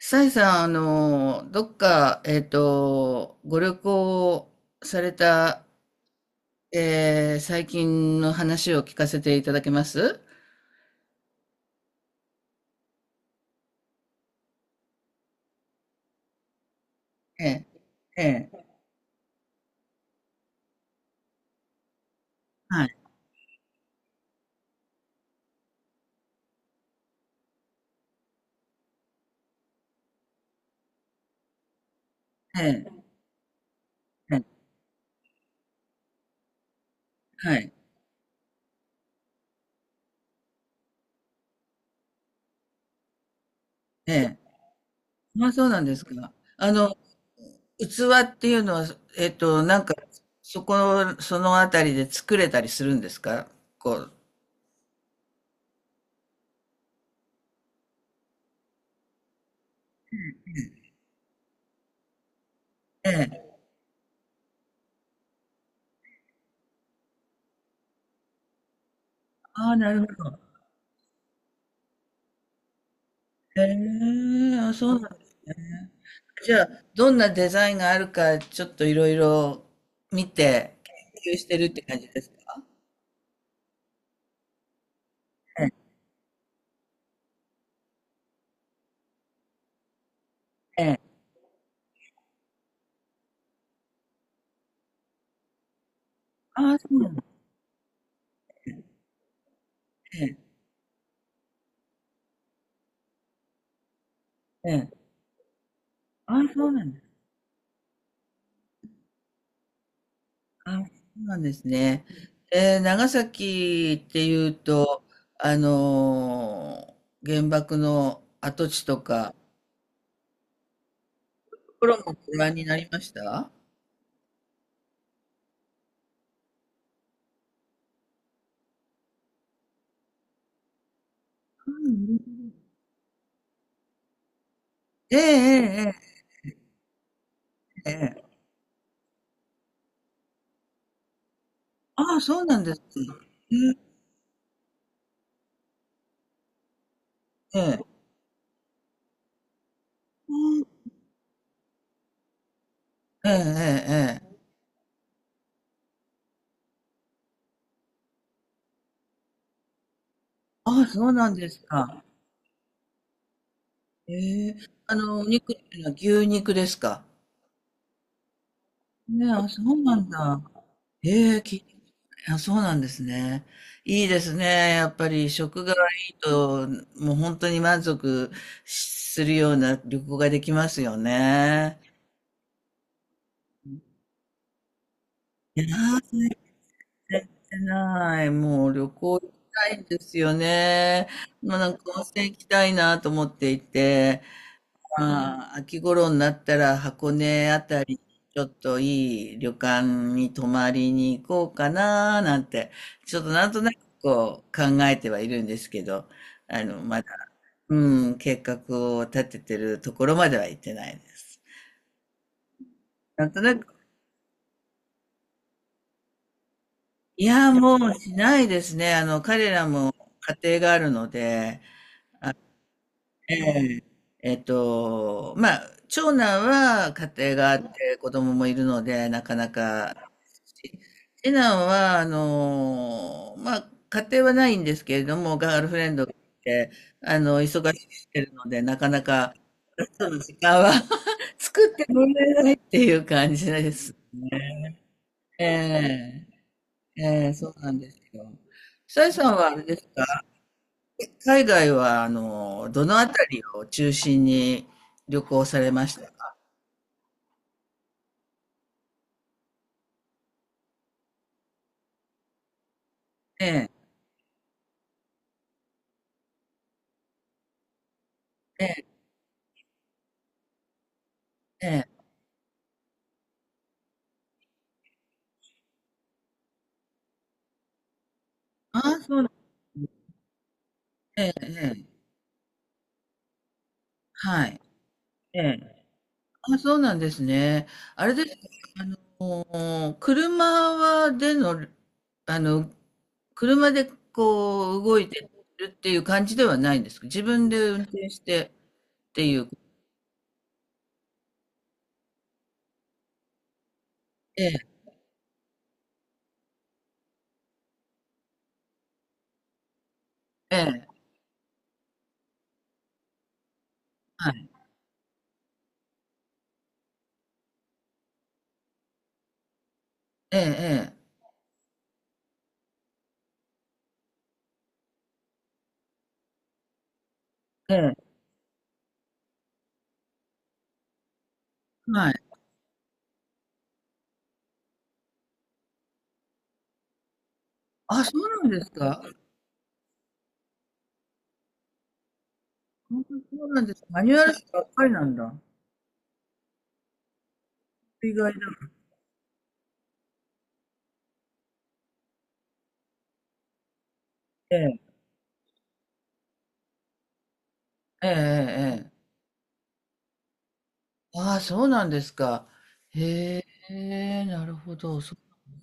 サイさん、どっか、ご旅行された、最近の話を聞かせていただけます？ええ、ええ、はい、ええ、ええ、はい、ええ。まあ、そうなんですか。器っていうのは、えっと、なんか、そこ、そのあたりで作れたりするんですかこう？ええ。ああ、なるほど。ええ、あ、そうなんですね。じゃあ、どんなデザインがあるか、ちょっといろいろ見て、研究してるって感じですか？ええ。ええ。ああ、そうなんだ。ええ。ええ。ああ、そうなんです。ああ、そうなんですね。長崎っていうと、あのー原爆の跡地とか、ところもご覧になりました？うんうんうん、ええ、ええ、ええ、ええ。ああ、そうなんですか。ええ、ええ。ええ、ええ、ええ。ああ、そうなんですか。ええ、お肉っていうのは牛肉ですか。ね、あ、そうなんだ。ええ、聞いて、あ、そうなんですね。いいですね。やっぱり食がいいと、もう本当に満足するような旅行ができますよね。いやー、最近行ってない。もう旅行行きたいんですよね。もうなんか温泉行きたいなと思っていて、まあ、秋頃になったら箱根あたり、ちょっといい旅館に泊まりに行こうかななんて、ちょっとなんとなくこう考えてはいるんですけど、まだ、うん、計画を立ててるところまでは行ってないです。なんとなく、いや、もうしないですね。彼らも家庭があるので、ええ、まあ、長男は家庭があって子供もいるので、なかなか次男は、まあ、家庭はないんですけれども、ガールフレンドがいて、忙しくしてるので、なかなか、その時間は 作ってもらえないっていう感じです。ええ、ええ、そうなんですよ。さえさんはあれですか、海外は、どのあたりを中心に旅行されましたか？ええ、ええ、ええ。ああ、そうなんですね。ええ、ええ、はい。ええ、あ、そうなんですね。あれですか、あの、車はでの、あの、車でこう動いてるっていう感じではないんですか、自分で運転してっていう？ええ、ええ、はい、ええ、ええ、ええ、はい。あ、そうなんですか。本当にそうなんです。マニュアル車ばっかりなんだ。意外だ。ええ、ええ、ええ。ええ、ああ、そうなんですか。へえ、なるほど。そ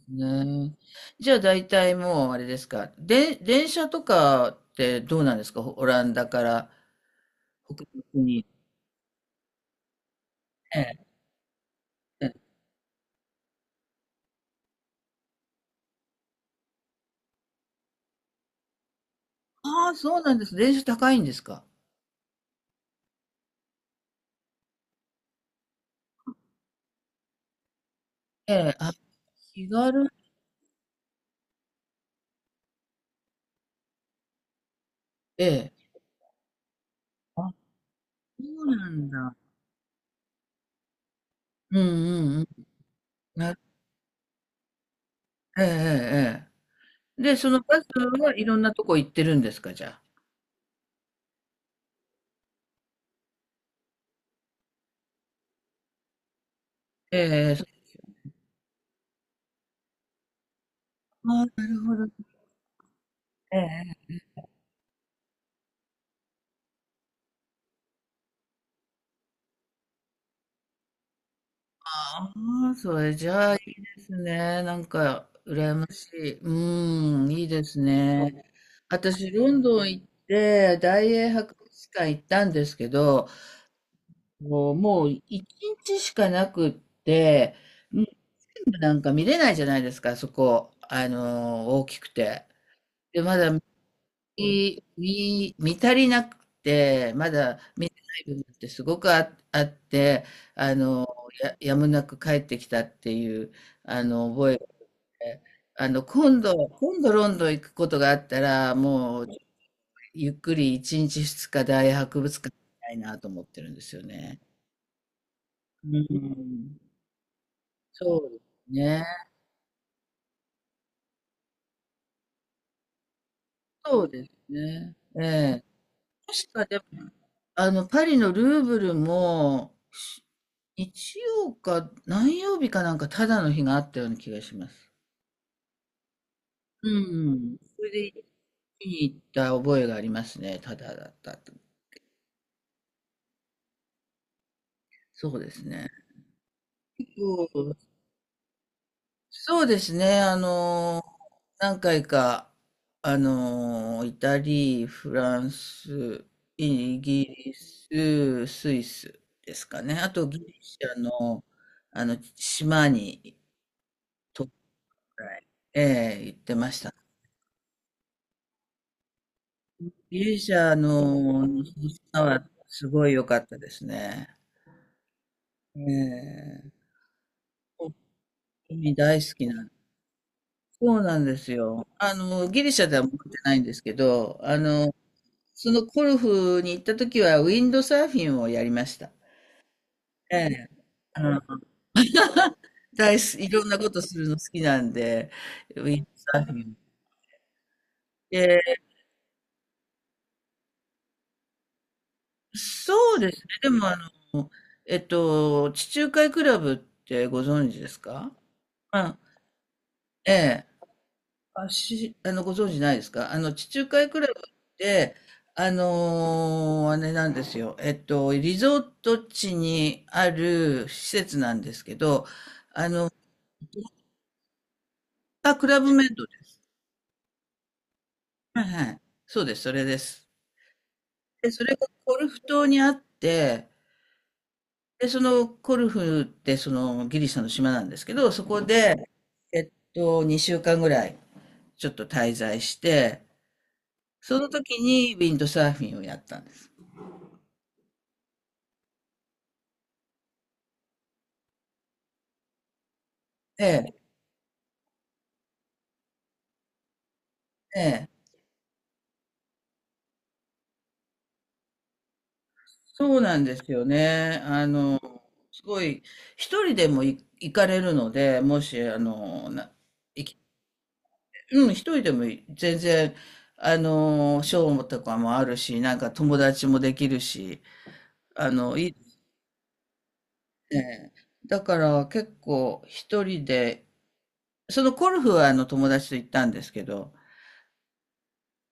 うなんですね。じゃあ大体もうあれですか。で、電車とかってどうなんですか、オランダから北陸に？ええ。ええ、ああ、そうなんです。電車高いんですか？ええ。あ、気軽。ええ。あ、そうなんだ。うんうんうん。な、ええ、ええ。ええで、そのバスはいろんなとこ行ってるんですか、じゃあ？ええ。ああ、なるほど。ええ。ああ、それじゃあいいですね。なんか、羨ましい。うん、いいですね。私、ロンドン行って、大英博物館行ったんですけど、もう、もう一日しかなくって、うん、全部なんか見れないじゃないですか、そこ。大きくて。で、まだ見足りなくて、まだ見てない部分ってすごくあって、あの、やむなく帰ってきたっていう、あの、覚えで、今度ロンドン行くことがあったら、もう、ゆっくり1日2日大博物館行きたいなと思ってるんですよね。うん、そうですね。そうですね。ええ、確かでも、パリのルーブルも、日曜か何曜日かなんかただの日があったような気がします。うん。それで見に行った覚えがありますね。ただだったと。そうですね。そうそうですね。何回か、イタリー、フランス、イギリス、スイスですかね。あとギリシャの、あの島に、ええ、行ってました。ギリシャの島はすごい良かったですね。ええ、本当に大好きな。そうなんですよ。ギリシャでは持ってないんですけど、あの、そのコルフに行った時はウィンドサーフィンをやりました。ええ、あの、大好き、いろんなことするの好きなんで、ウィンドサーフィン。で、そうですね。でも、の、地中海クラブってご存知ですか？うん。ええ。あ、し、あの、ご存知ないですか、あの、地中海クラブって、あれなんですよ。えっと、リゾート地にある施設なんですけど、あ、クラブメイドです。はいはい。そうです、それです。で、それがコルフ島にあって、で、そのコルフってそのギリシャの島なんですけど、そこで、えっと、2週間ぐらいちょっと滞在して、その時にウィンドサーフィンをやったんです。ええ、え、そうなんですよね。すごい、一人でも行かれるので、もし、あの、な、行き、うん、一人でも全然、ショーとかもあるし、なんか友達もできるし、あの、いいですね。だから結構一人で、そのゴルフはあの友達と行ったんですけど、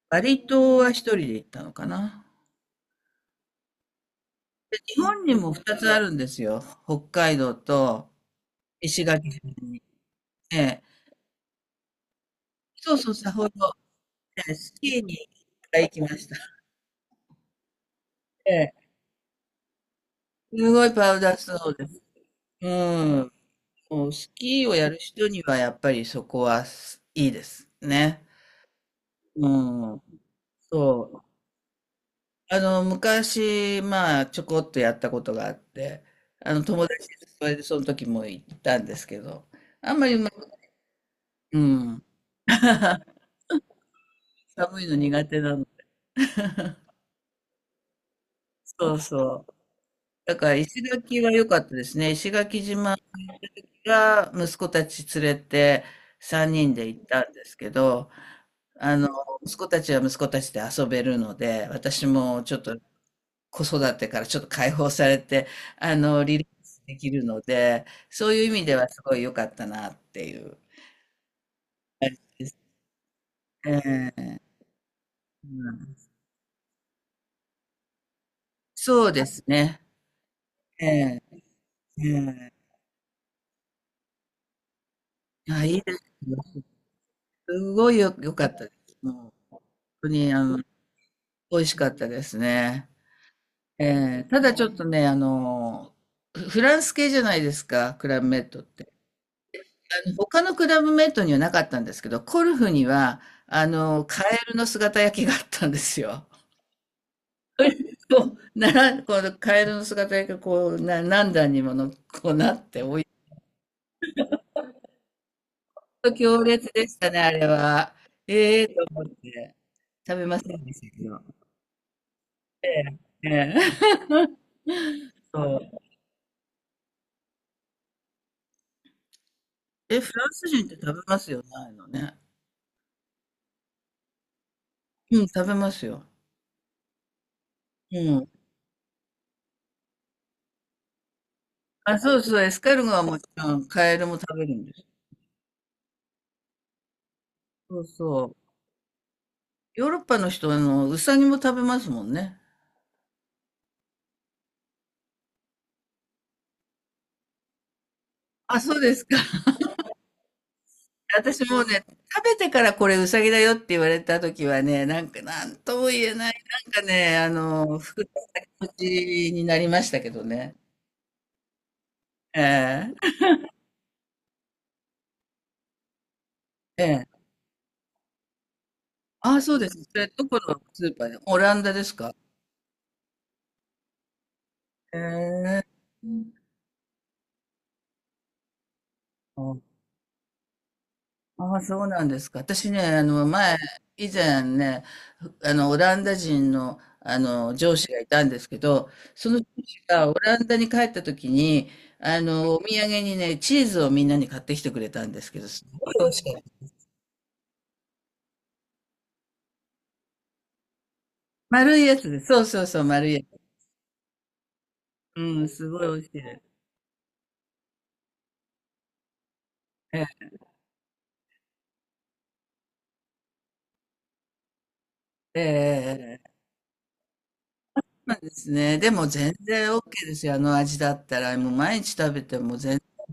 バリ島は一人で行ったのかな。日本にも二つあるんですよ。北海道と石垣島に。ええ、そうそう、さほど。ええ、スキーにいっかい行きました。ええ、すごいパウダースノーです。うん。もうスキーをやる人にはやっぱりそこはすいいですね。うん。そう。昔、まあ、ちょこっとやったことがあって、あの、友達とそれでその時も行ったんですけど、あんまりうまくうん。寒いの苦手なの。そうそう。だから石垣は良かったですね。石垣島が息子たち連れて3人で行ったんですけど、あの、息子たちは息子たちで遊べるので、私もちょっと子育てからちょっと解放されて、リラックスできるので、そういう意味ではすごい良かったなっていう。ええ、うん、そうですね。ええ、ええ、あ、いいですよ。すごいよ、良かったです。もう、本当に、美味しかったですね。ええ、ただちょっとね、フランス系じゃないですか、クラブメイトって。あの、他のクラブメイトにはなかったんですけど、コルフには、あの、カエルの姿焼きがあったんですよ。こう、なら、このカエルの姿焼きがこう、何段にもの、こうなって、おい、強烈でしたね、あれは。ええと思って、食べませんでしたけど。ええ、ええ。そう。え、フランス人って食べますよね、ああいうのね。うん、食べますよ。うん。あ、そうそう、エスカルゴはもちろん、カエルも食べるんです。そうそう。ヨーロッパの人は、ウサギも食べますもんね。あ、そうですか。私もうね、食べてからこれウサギだよって言われた時はね、なんか、なんとも言えない、なんかね、腹持ちになりましたけどね。ええ、ええ。あ、そうです。それ、どこのスーパーで、オランダですか？ええ。ああ、そうなんですか。私ね、以前ね、オランダ人の、あの、上司がいたんですけど、その上司がオランダに帰った時に、お土産にね、チーズをみんなに買ってきてくれたんですけど、すごい美味しかった。丸いやつです。そうそうそう、丸いやつ。うん、すごい美味しいです。ええ、ええ、ええ、まあですね。でも全然 OK ですよ。あの味だったら、もう毎日食べても全然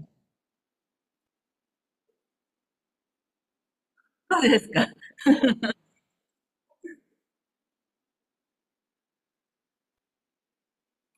そうですか。